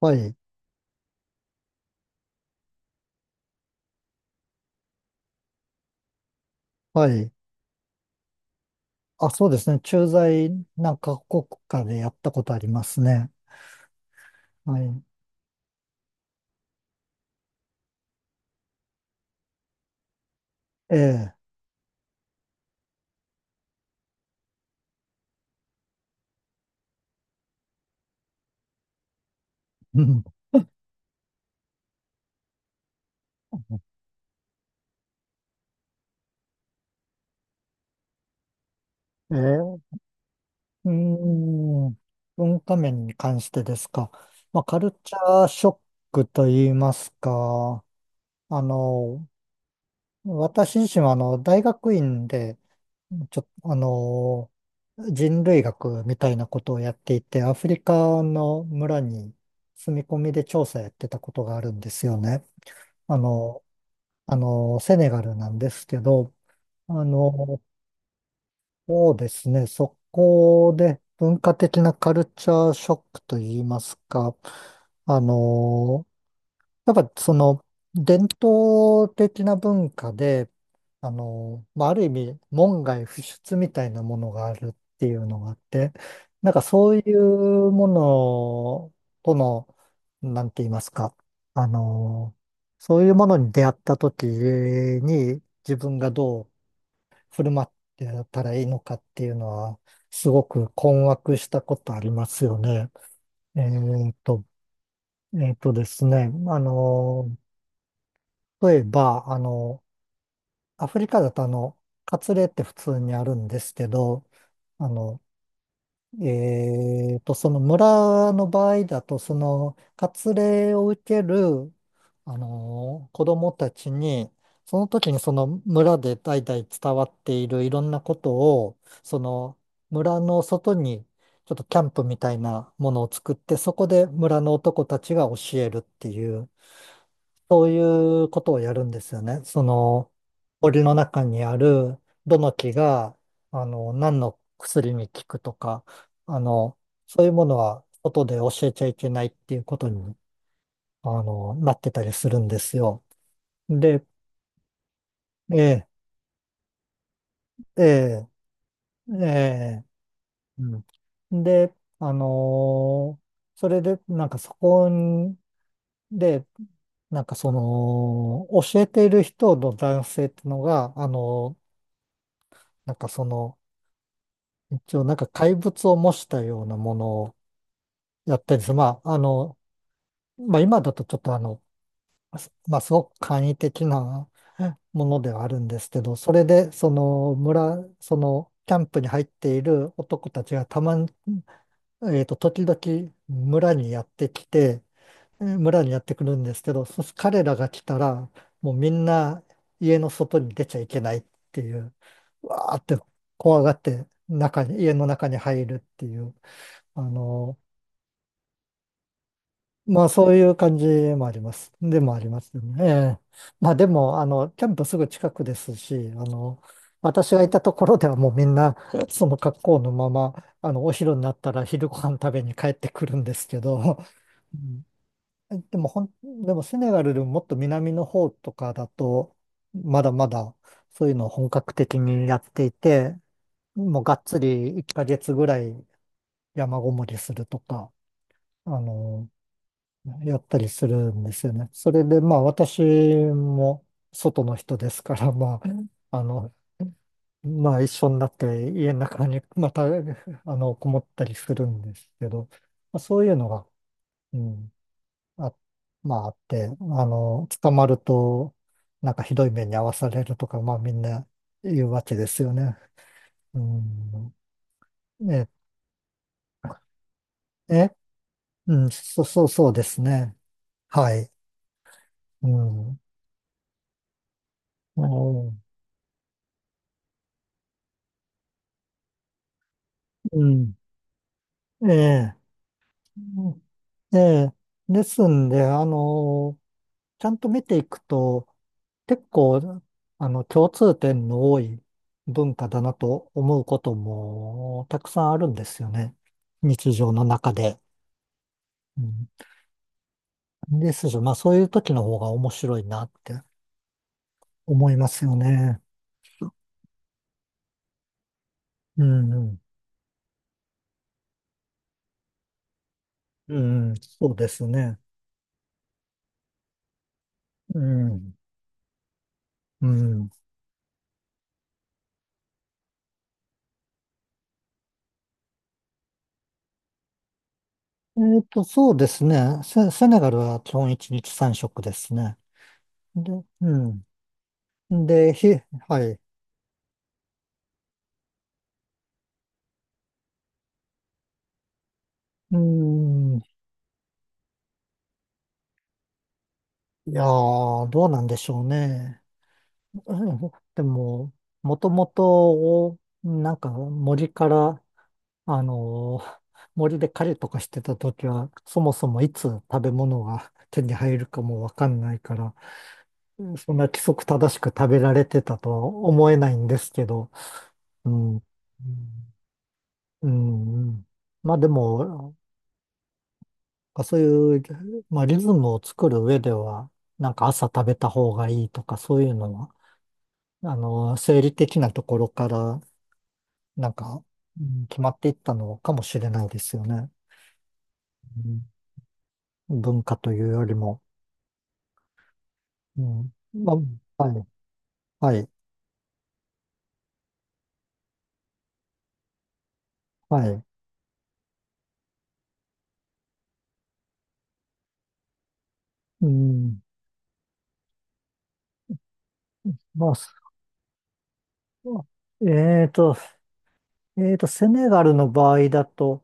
はい、はい。あ、そうですね。駐在なんか国家でやったことありますね。はい。ええ。うん。ええ、ーん、文化面に関してですか。まあ、カルチャーショックと言いますか、あの、私自身は大学院で、ちょっと、人類学みたいなことをやっていて、アフリカの村に住み込みで調査やってたことがあるんですよね。あの、セネガルなんですけど、あの、そうですね、そこで文化的なカルチャーショックといいますか、あの、やっぱその伝統的な文化で、まあ、ある意味門外不出みたいなものがあるっていうのがあって、なんかそういうものとの、なんて言いますか、あの、そういうものに出会った時に自分がどう振る舞ってたらいいのかっていうのは、すごく困惑したことありますよね。えっと、えっとですね、あの、例えば、アフリカだとカツレって普通にあるんですけど、あの、その村の場合だと、その、カツレを受ける、子供たちに、その時にその村で代々伝わっているいろんなことを、その村の外に、ちょっとキャンプみたいなものを作って、そこで村の男たちが教えるっていう、そういうことをやるんですよね。その、森の中にある、どの木が、何の薬に効くとか、あの、そういうものは、外で教えちゃいけないっていうことに、なってたりするんですよ。で、ええ、ええ、ええ、うん。で、あのーそれで、なんかそこで、なんかその、教えている人の男性ってのが、なんかその、一応なんか怪物を模したようなものをやったりする。まあ、まあ今だとちょっとすまあすごく簡易的なものではあるんですけど、それでその村、そのキャンプに入っている男たちがたまに、時々村にやってきて、村にやってくるんですけど、彼らが来たら、もうみんな家の外に出ちゃいけないっていう、わーって怖がって中に、家の中に入るっていう。あの、まあそういう感じもあります。でもありますよね。ええ、まあでも、キャンプすぐ近くですし、私がいたところではもうみんな、その格好のまま、お昼になったら昼ご飯食べに帰ってくるんですけど、うんでもでもセネガルでももっと南の方とかだと、まだまだそういうのを本格的にやっていて、もうがっつり1ヶ月ぐらい山ごもりするとか、あの、やったりするんですよね。それでまあ私も外の人ですから、まあ、まあ一緒になって家の中に また、こもったりするんですけど、まあ、そういうのが、うん、あ、まああって、捕まると、なんかひどい目に遭わされるとか、まあみんな言うわけですよね。うん、え、え、うん、そうそうですね。はい。うん。うん。うん、ええ、うん、ええ。ですんで、ちゃんと見ていくと、結構、共通点の多い文化だなと思うこともたくさんあるんですよね。日常の中で。うん、ですし、まあそういう時の方が面白いなって思いますよね。うん、うん、うんそうですね。うん、うん。えっと、そうですね。セネガルは基本1日三食ですね。で、うん。で、はい。うん。いやー、どうなんでしょうね。うんでも、もともと、なんか森から、あのー森で狩りとかしてた時は、そもそもいつ食べ物が手に入るかもわかんないから、うん、そんな規則正しく食べられてたとは思えないんですけど、うん。うん、うん、まあでも、そういう、まあ、リズムを作る上では、なんか朝食べた方がいいとか、そういうのは、生理的なところから、なんか、うん決まっていったのかもしれないですよね。うん、文化というよりも。うん、まあ、はい、はい、はい。うん、まあ、すえーと、えーと、セネガルの場合だと、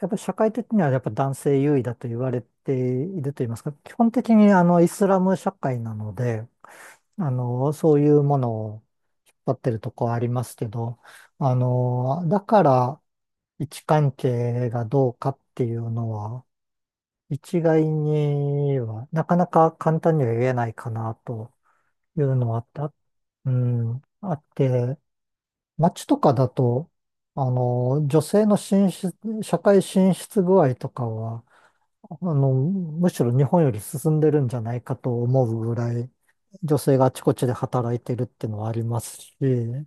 やっぱり社会的にはやっぱ男性優位だと言われていると言いますか、基本的にあのイスラム社会なので、そういうものを引っ張ってるとこありますけど、だから位置関係がどうかっていうのは、一概には、なかなか簡単には言えないかなというのはあった、うん、あって、街とかだと、女性の進出、社会進出具合とかは、むしろ日本より進んでるんじゃないかと思うぐらい、女性があちこちで働いてるっていうのはありますし、う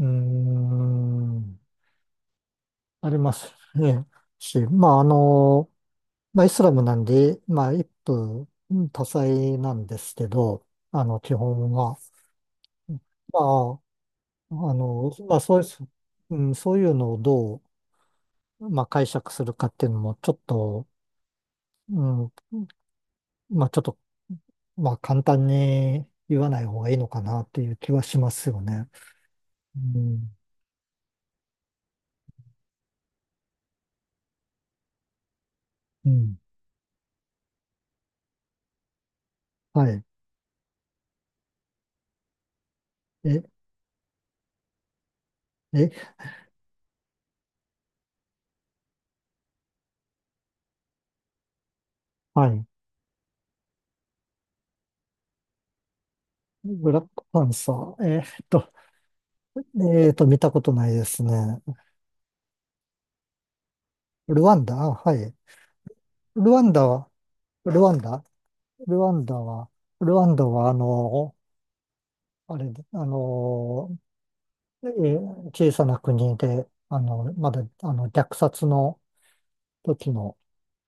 ーん、ありますね。し、まあ、まあ、イスラムなんで、まあ、一夫多妻なんですけど、基本は。まあ、まあ、そういう、うん、そういうのをどう、まあ、解釈するかっていうのも、ちょっと、うん、まあちょっと、まあ簡単に言わない方がいいのかなっていう気はしますよね。うん。うん。はい。え、え、はい。ブラックパンサー。えーっと、えーっと、見たことないですね。ルワンダ、あ、はい。ルワンダは、ルワンダルワンダは、ルワンダは、あれ、えー、小さな国で、まだ、虐殺の時の、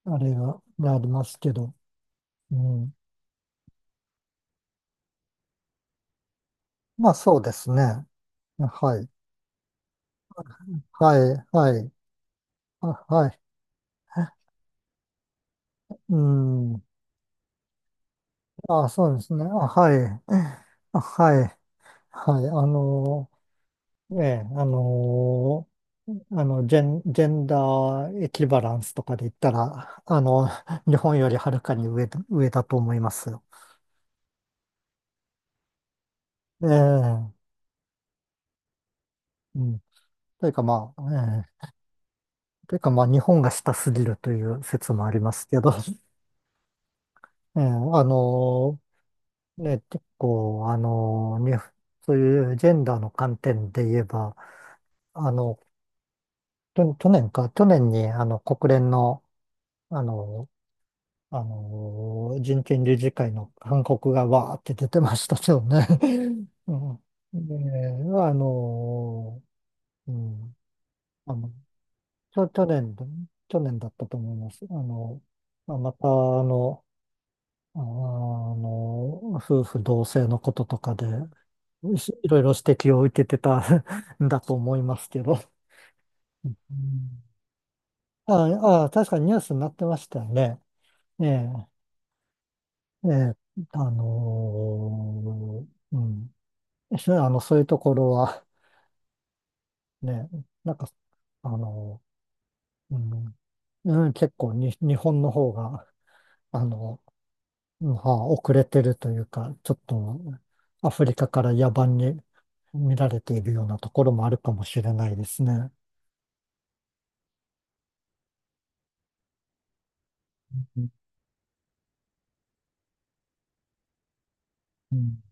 あれが、がありますけど、うん。まあそうですね。はい。はい。はい。あ、はい。うん。あ、そうですね。あ、はい。あ、はい。はい。ええ、ジェンダーエキバランスとかで言ったら、日本よりはるかに上だと思いますよ。ええ、うん。というかまあ、ええ、というかまあ、日本が下すぎるという説もありますけど、ええ、のーね、結構、そういうジェンダーの観点で言えば、あの、去年か、去年に、国連の、あの、人権理事会の勧告がわーって出てましたけどね。うん。で、うん、あの、去年だ、去年だったと思います。まあまた、の、夫婦同姓のこととかで、いろいろ指摘を受けてた んだと思いますけど。うん、ああ、確かにニュースになってましたよね。ええ、ええ、あのうん。そう、そういうところは、ね、なんか、あのーうん、うん、結構に、日本の方が、あの、うんはあ遅れてるというか、ちょっとアフリカから野蛮に見られているようなところもあるかもしれないですね。うん、うん、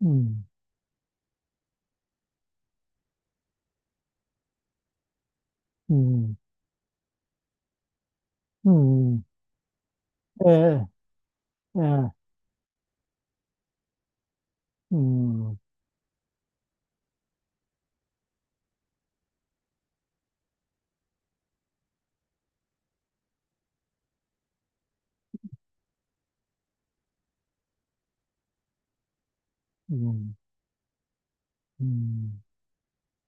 うん、うん、うん、ええ、ええ、うん、うん、うん。